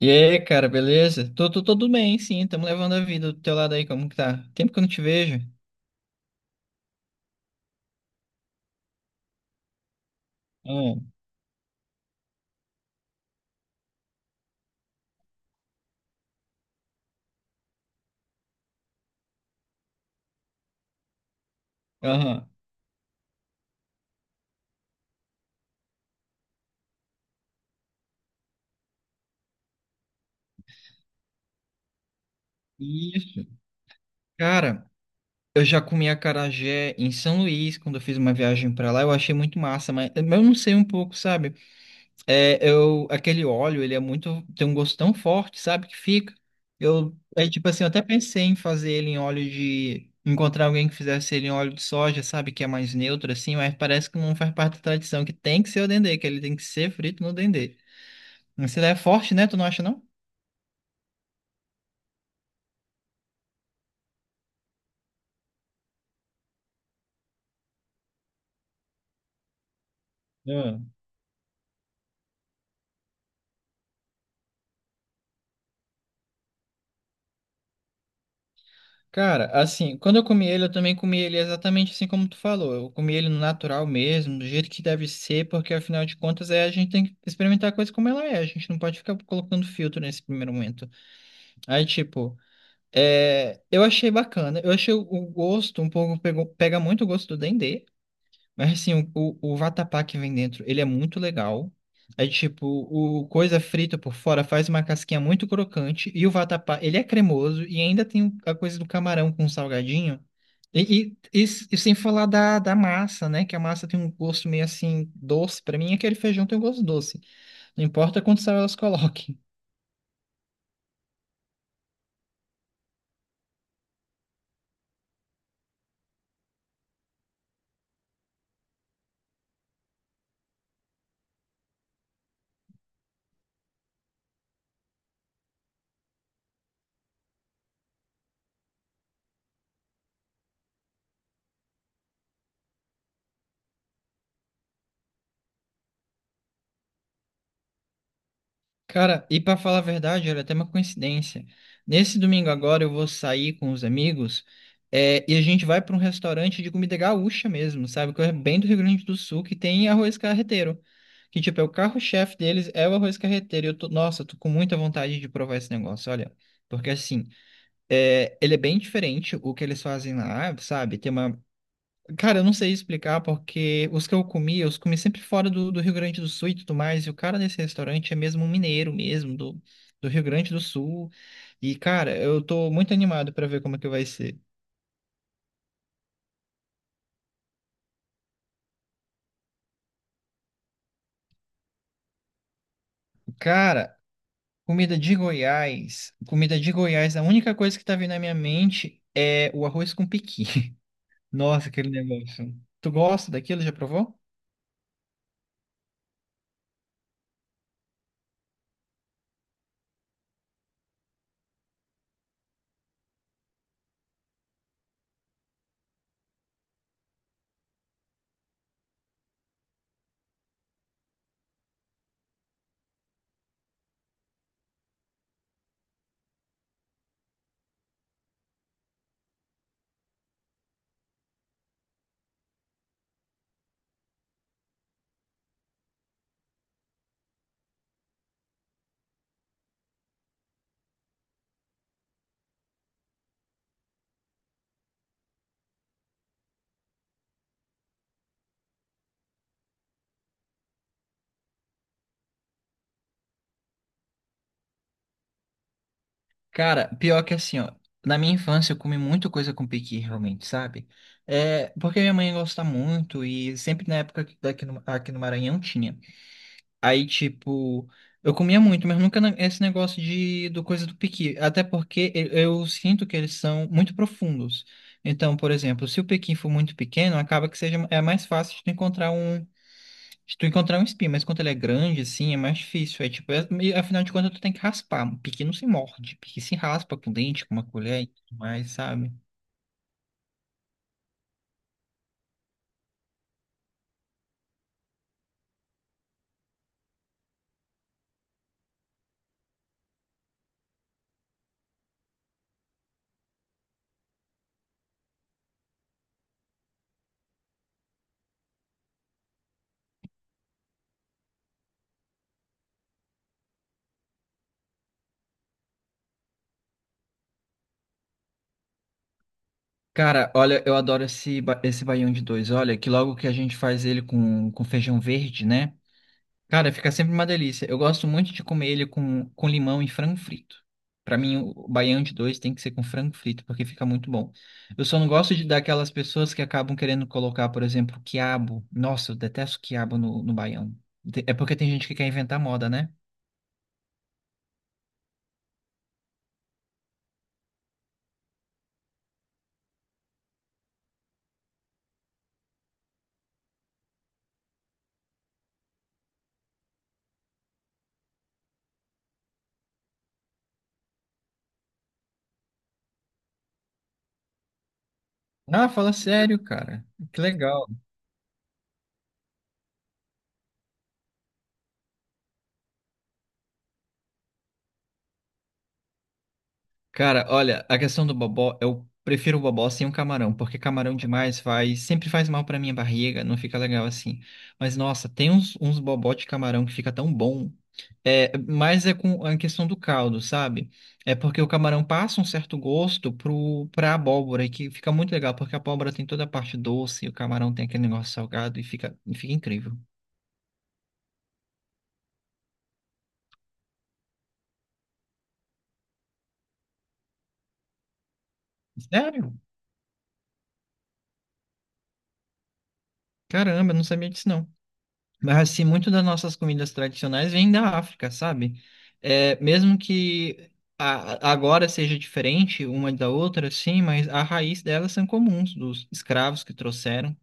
E aí, cara, beleza? Tô tudo bem, sim. Tamo levando a vida do teu lado aí, como que tá? Tempo que eu não te vejo. Aham. Aham. Isso. Cara, eu já comi acarajé em São Luís, quando eu fiz uma viagem pra lá. Eu achei muito massa, mas eu não sei um pouco, sabe? É, eu, aquele óleo, ele é muito, tem um gosto tão forte, sabe, que fica. Eu, é tipo assim, eu até pensei em fazer ele em óleo de, encontrar alguém que fizesse ele em óleo de soja, sabe, que é mais neutro assim, mas parece que não faz parte da tradição, que tem que ser o dendê, que ele tem que ser frito no dendê. Mas ele é forte, né? Tu não acha, não? Ah. Cara, assim, quando eu comi ele, eu também comi ele exatamente assim como tu falou. Eu comi ele no natural mesmo, do jeito que deve ser, porque afinal de contas é a gente tem que experimentar a coisa como ela é. A gente não pode ficar colocando filtro nesse primeiro momento. Aí, tipo, é, eu achei bacana. Eu achei o gosto um pouco, pega muito o gosto do Dendê. Mas, assim, o vatapá que vem dentro, ele é muito legal. Aí, tipo, o coisa frita por fora faz uma casquinha muito crocante. E o vatapá, ele é cremoso. E ainda tem a coisa do camarão com salgadinho. E, e, e e sem falar da massa, né? Que a massa tem um gosto meio assim, doce. Pra mim, aquele feijão tem um gosto doce. Não importa quantos sal elas coloquem. Cara, e pra falar a verdade, olha, até uma coincidência. Nesse domingo agora eu vou sair com os amigos, é, e a gente vai pra um restaurante de comida gaúcha mesmo, sabe? Que é bem do Rio Grande do Sul, que tem arroz carreteiro. Que, tipo, é o carro-chefe deles, é o arroz carreteiro. E eu tô, nossa, eu tô com muita vontade de provar esse negócio, olha. Porque, assim, é, ele é bem diferente o que eles fazem lá, sabe? Tem uma. Cara, eu não sei explicar porque os que eu comi, eu os comi sempre fora do Rio Grande do Sul e tudo mais. E o cara desse restaurante é mesmo um mineiro mesmo, do, do Rio Grande do Sul. E, cara, eu tô muito animado pra ver como é que vai ser. Cara, comida de Goiás. Comida de Goiás, a única coisa que tá vindo na minha mente é o arroz com pequi. Nossa, aquele negócio. Tu gosta daquilo? Já provou? Cara, pior que assim, ó, na minha infância eu comi muita coisa com piqui, realmente, sabe? É, porque minha mãe gosta muito e sempre na época daqui no, aqui no Maranhão tinha. Aí, tipo, eu comia muito, mas nunca na- esse negócio de do coisa do piqui. Até porque eu sinto que eles são muito profundos. Então, por exemplo, se o piqui for muito pequeno, acaba que seja é mais fácil de tu encontrar um se tu encontrar um espinho, mas quando ele é grande, assim, é mais difícil. É tipo, e afinal de contas, tu tem que raspar. Um Piqui não se morde, piqui se raspa com dente, com uma colher e tudo mais, sabe? Cara, olha, eu adoro esse baião de dois. Olha, que logo que a gente faz ele com feijão verde, né? Cara, fica sempre uma delícia. Eu gosto muito de comer ele com limão e frango frito. Pra mim, o baião de dois tem que ser com frango frito, porque fica muito bom. Eu só não gosto de daquelas pessoas que acabam querendo colocar, por exemplo, quiabo. Nossa, eu detesto quiabo no baião. É porque tem gente que quer inventar moda, né? Ah, fala sério, cara. Que legal. Cara, olha, a questão do bobó, eu prefiro o bobó sem o camarão, porque camarão demais sempre faz mal pra minha barriga, não fica legal assim. Mas nossa, tem uns bobó de camarão que fica tão bom. É, mas é com a questão do caldo, sabe? É porque o camarão passa um certo gosto pra abóbora, e que fica muito legal, porque a abóbora tem toda a parte doce, e o camarão tem aquele negócio salgado e e fica incrível. Sério? Caramba, eu não sabia disso não. Mas assim, muito das nossas comidas tradicionais vêm da África, sabe? É, mesmo que agora seja diferente uma da outra, sim, mas a raiz delas são comuns, dos escravos que trouxeram.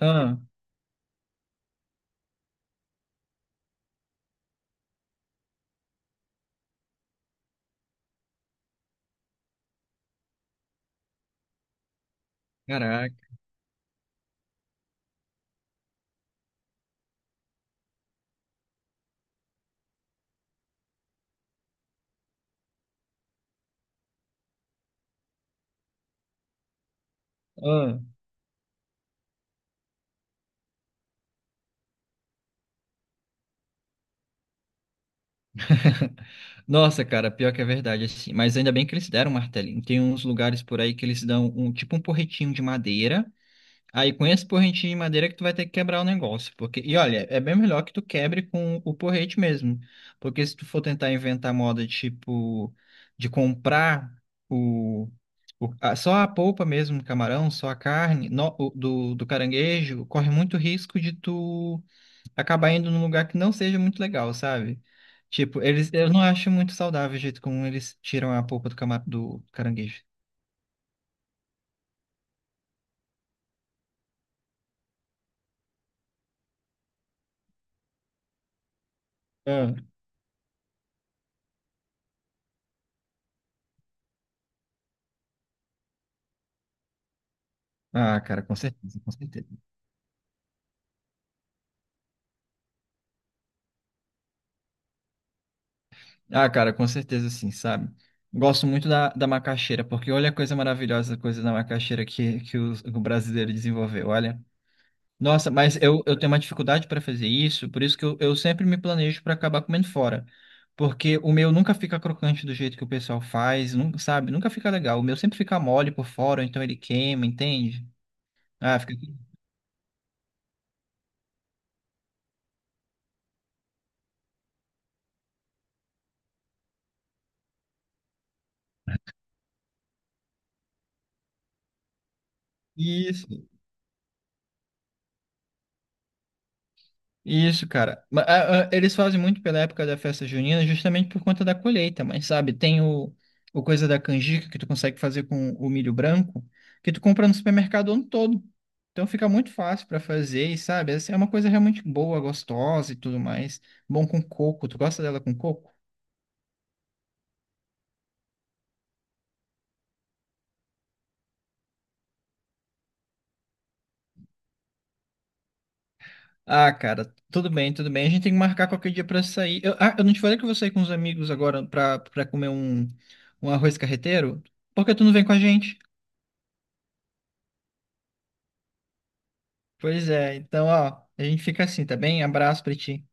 Ah, caraca. Ah. Nossa, cara, pior que é verdade, assim. Mas ainda bem que eles deram um martelinho. Tem uns lugares por aí que eles dão um tipo um porretinho de madeira. Aí com esse porrentinho de madeira que tu vai ter que quebrar o negócio, porque e olha, é bem melhor que tu quebre com o porrete mesmo, porque se tu for tentar inventar moda tipo de comprar o, só a polpa mesmo do camarão, só a carne do caranguejo, corre muito risco de tu acabar indo num lugar que não seja muito legal, sabe? Tipo, eles eu não acho muito saudável o jeito como eles tiram a polpa do caranguejo. Ah. Ah, cara, com certeza, com certeza. Ah, cara, com certeza sim, sabe? Gosto muito da macaxeira, porque olha a coisa maravilhosa, a coisa da macaxeira que o brasileiro desenvolveu, olha. Nossa, mas eu tenho uma dificuldade para fazer isso, por isso que eu sempre me planejo para acabar comendo fora. Porque o meu nunca fica crocante do jeito que o pessoal faz, nunca, sabe? Nunca fica legal. O meu sempre fica mole por fora, então ele queima, entende? Ah, fica. Isso. Isso, cara. Eles fazem muito pela época da festa junina, justamente por conta da colheita, mas sabe, tem o coisa da canjica que tu consegue fazer com o milho branco, que tu compra no supermercado o ano todo. Então fica muito fácil pra fazer, e sabe, essa é uma coisa realmente boa, gostosa e tudo mais. Bom com coco. Tu gosta dela com coco? Ah, cara, tudo bem, tudo bem. A gente tem que marcar qualquer dia pra sair. Eu, ah, eu não te falei que eu vou sair com os amigos agora pra comer um, um arroz carreteiro? Por que tu não vem com a gente? Pois é, então, ó, a gente fica assim, tá bem? Abraço pra ti.